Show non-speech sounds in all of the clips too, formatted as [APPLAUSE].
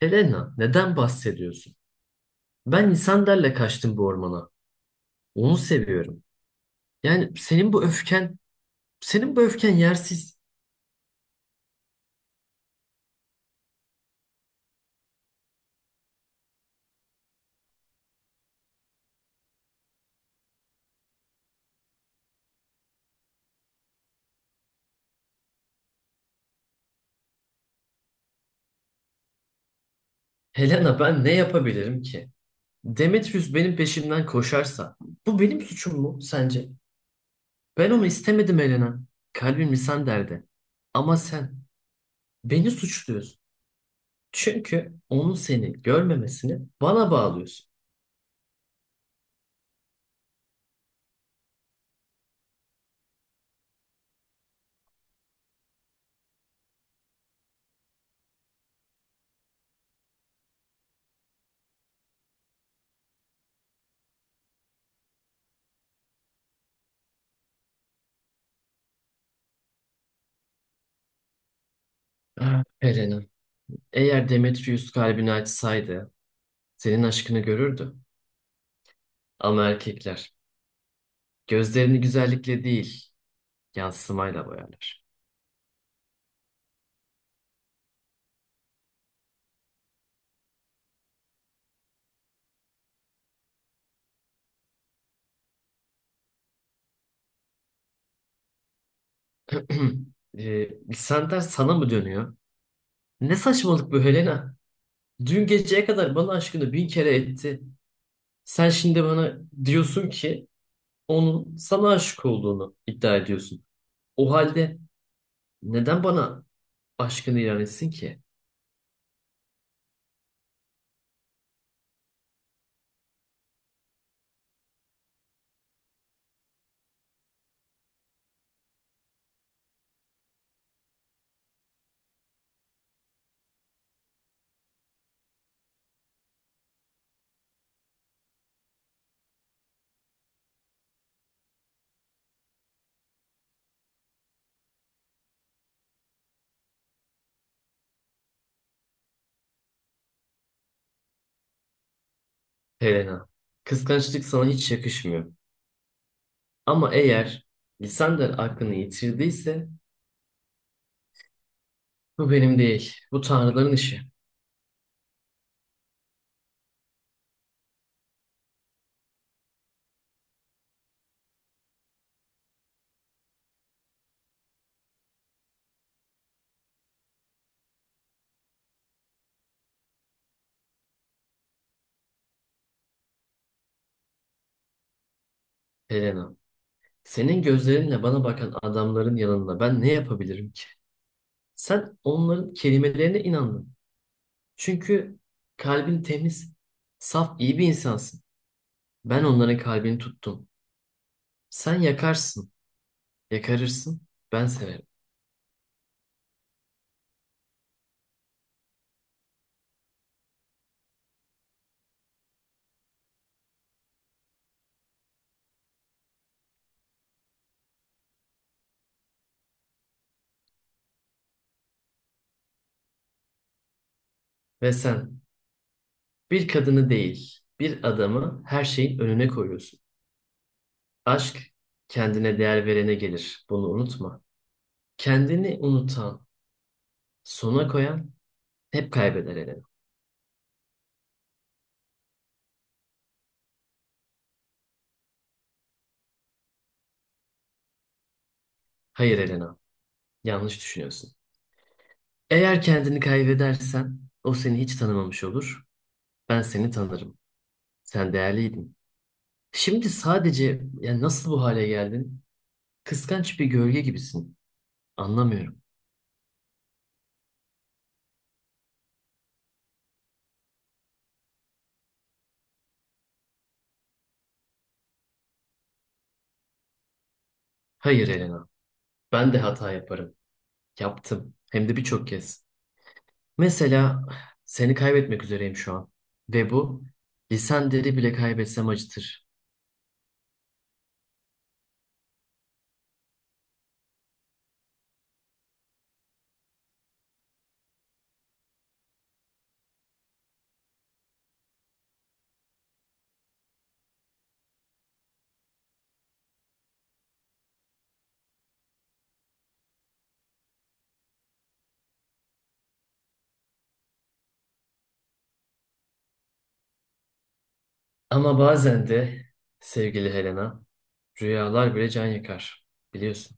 Elena, neden bahsediyorsun? Ben İsander'le kaçtım bu ormana. Onu seviyorum. Yani senin bu öfken, senin bu öfken yersiz. Helena, ben ne yapabilirim ki? Demetrius benim peşimden koşarsa, bu benim suçum mu sence? Ben onu istemedim Helena. Kalbim İsander'de. Ama sen beni suçluyorsun. Çünkü onun seni görmemesini bana bağlıyorsun. Ah, Helena, eğer Demetrius kalbini açsaydı, senin aşkını görürdü. Ama erkekler gözlerini güzellikle değil, yansımayla boyarlar. [CLEARS THROAT] Lisanlar sana mı dönüyor? Ne saçmalık bu Helena? Dün geceye kadar bana aşkını bin kere etti. Sen şimdi bana diyorsun ki onun sana aşık olduğunu iddia ediyorsun. O halde neden bana aşkını ilan etsin ki Helena? Kıskançlık sana hiç yakışmıyor. Ama eğer Lisander aklını yitirdiyse bu benim değil, bu tanrıların işi Helena. Senin gözlerinle bana bakan adamların yanında ben ne yapabilirim ki? Sen onların kelimelerine inandın. Çünkü kalbin temiz, saf, iyi bir insansın. Ben onların kalbini tuttum. Sen yakarsın, yakarırsın, ben severim. Ve sen bir kadını değil, bir adamı her şeyin önüne koyuyorsun. Aşk kendine değer verene gelir. Bunu unutma. Kendini unutan, sona koyan hep kaybeder Elena. Hayır Elena, yanlış düşünüyorsun. Eğer kendini kaybedersen o seni hiç tanımamış olur. Ben seni tanırım. Sen değerliydin. Şimdi sadece yani nasıl bu hale geldin? Kıskanç bir gölge gibisin. Anlamıyorum. Hayır Elena. Ben de hata yaparım. Yaptım. Hem de birçok kez. Mesela seni kaybetmek üzereyim şu an. Ve bu lisan deri bile kaybetsem acıtır. Ama bazen de sevgili Helena, rüyalar bile can yakar. Biliyorsun.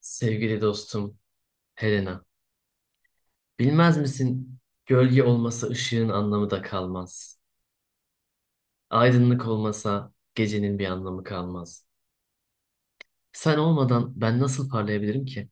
Sevgili dostum Helena. Bilmez misin? Gölge olmasa ışığın anlamı da kalmaz. Aydınlık olmasa gecenin bir anlamı kalmaz. Sen olmadan ben nasıl parlayabilirim ki?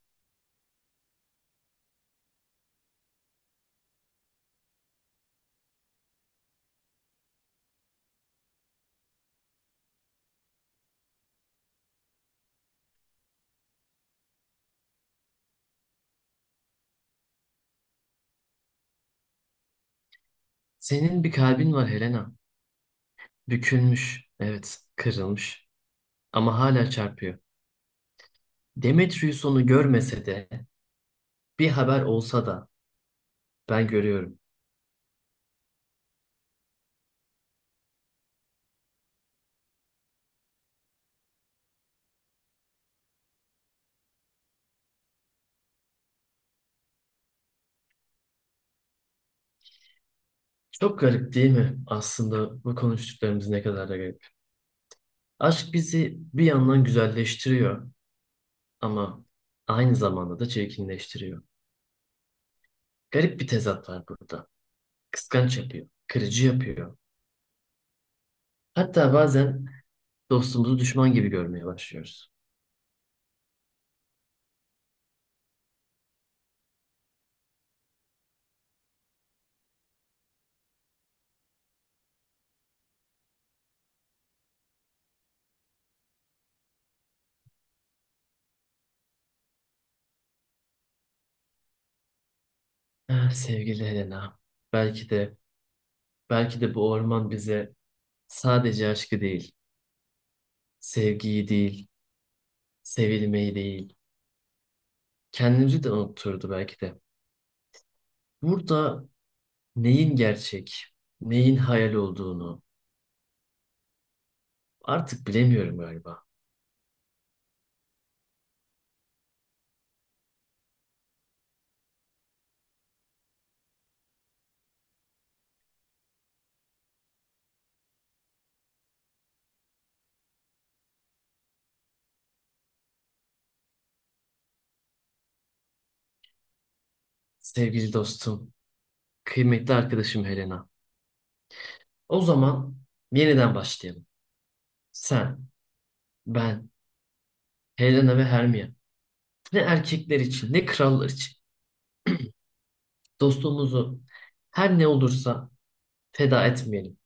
Senin bir kalbin var Helena. Bükülmüş, evet, kırılmış ama hala çarpıyor. Demetrius onu görmese de, bir haber olsa da ben görüyorum. Çok garip değil mi? Aslında bu konuştuklarımız ne kadar da garip. Aşk bizi bir yandan güzelleştiriyor ama aynı zamanda da çirkinleştiriyor. Garip bir tezat var burada. Kıskanç yapıyor, kırıcı yapıyor. Hatta bazen dostumuzu düşman gibi görmeye başlıyoruz. Ah, sevgili Helena, belki de bu orman bize sadece aşkı değil, sevgiyi değil, sevilmeyi değil, kendimizi de unutturdu belki de. Burada neyin gerçek, neyin hayal olduğunu artık bilemiyorum galiba. Sevgili dostum, kıymetli arkadaşım Helena. O zaman yeniden başlayalım. Sen, ben, Helena ve Hermione. Ne erkekler için, ne krallar için. Dostluğumuzu her ne olursa feda etmeyelim.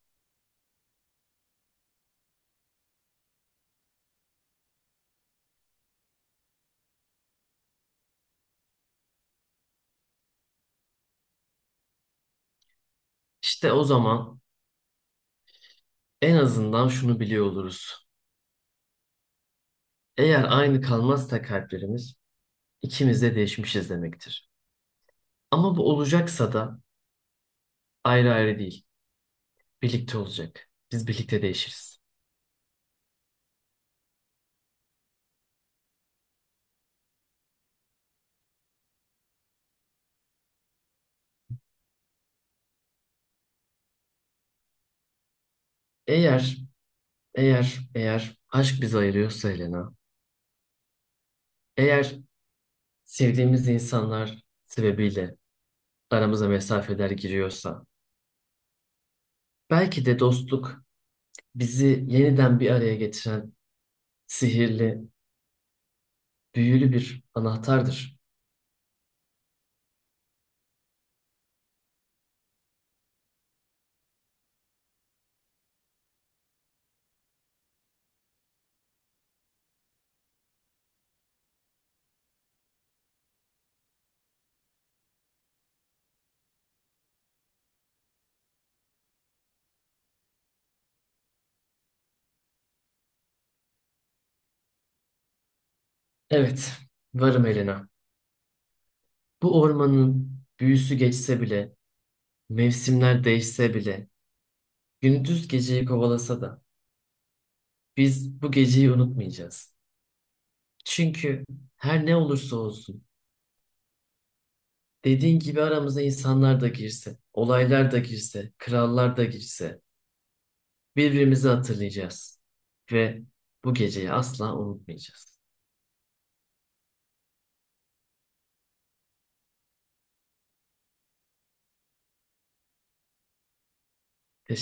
İşte o zaman en azından şunu biliyor oluruz. Eğer aynı kalmazsa kalplerimiz, ikimiz de değişmişiz demektir. Ama bu olacaksa da ayrı ayrı değil, birlikte olacak. Biz birlikte değişiriz. Eğer, eğer aşk bizi ayırıyorsa Helena, eğer sevdiğimiz insanlar sebebiyle aramıza mesafeler giriyorsa, belki de dostluk bizi yeniden bir araya getiren sihirli, büyülü bir anahtardır. Evet, varım Elena. Bu ormanın büyüsü geçse bile, mevsimler değişse bile, gündüz geceyi kovalasa da biz bu geceyi unutmayacağız. Çünkü her ne olursa olsun, dediğin gibi aramıza insanlar da girse, olaylar da girse, krallar da girse birbirimizi hatırlayacağız ve bu geceyi asla unutmayacağız. Teşekkür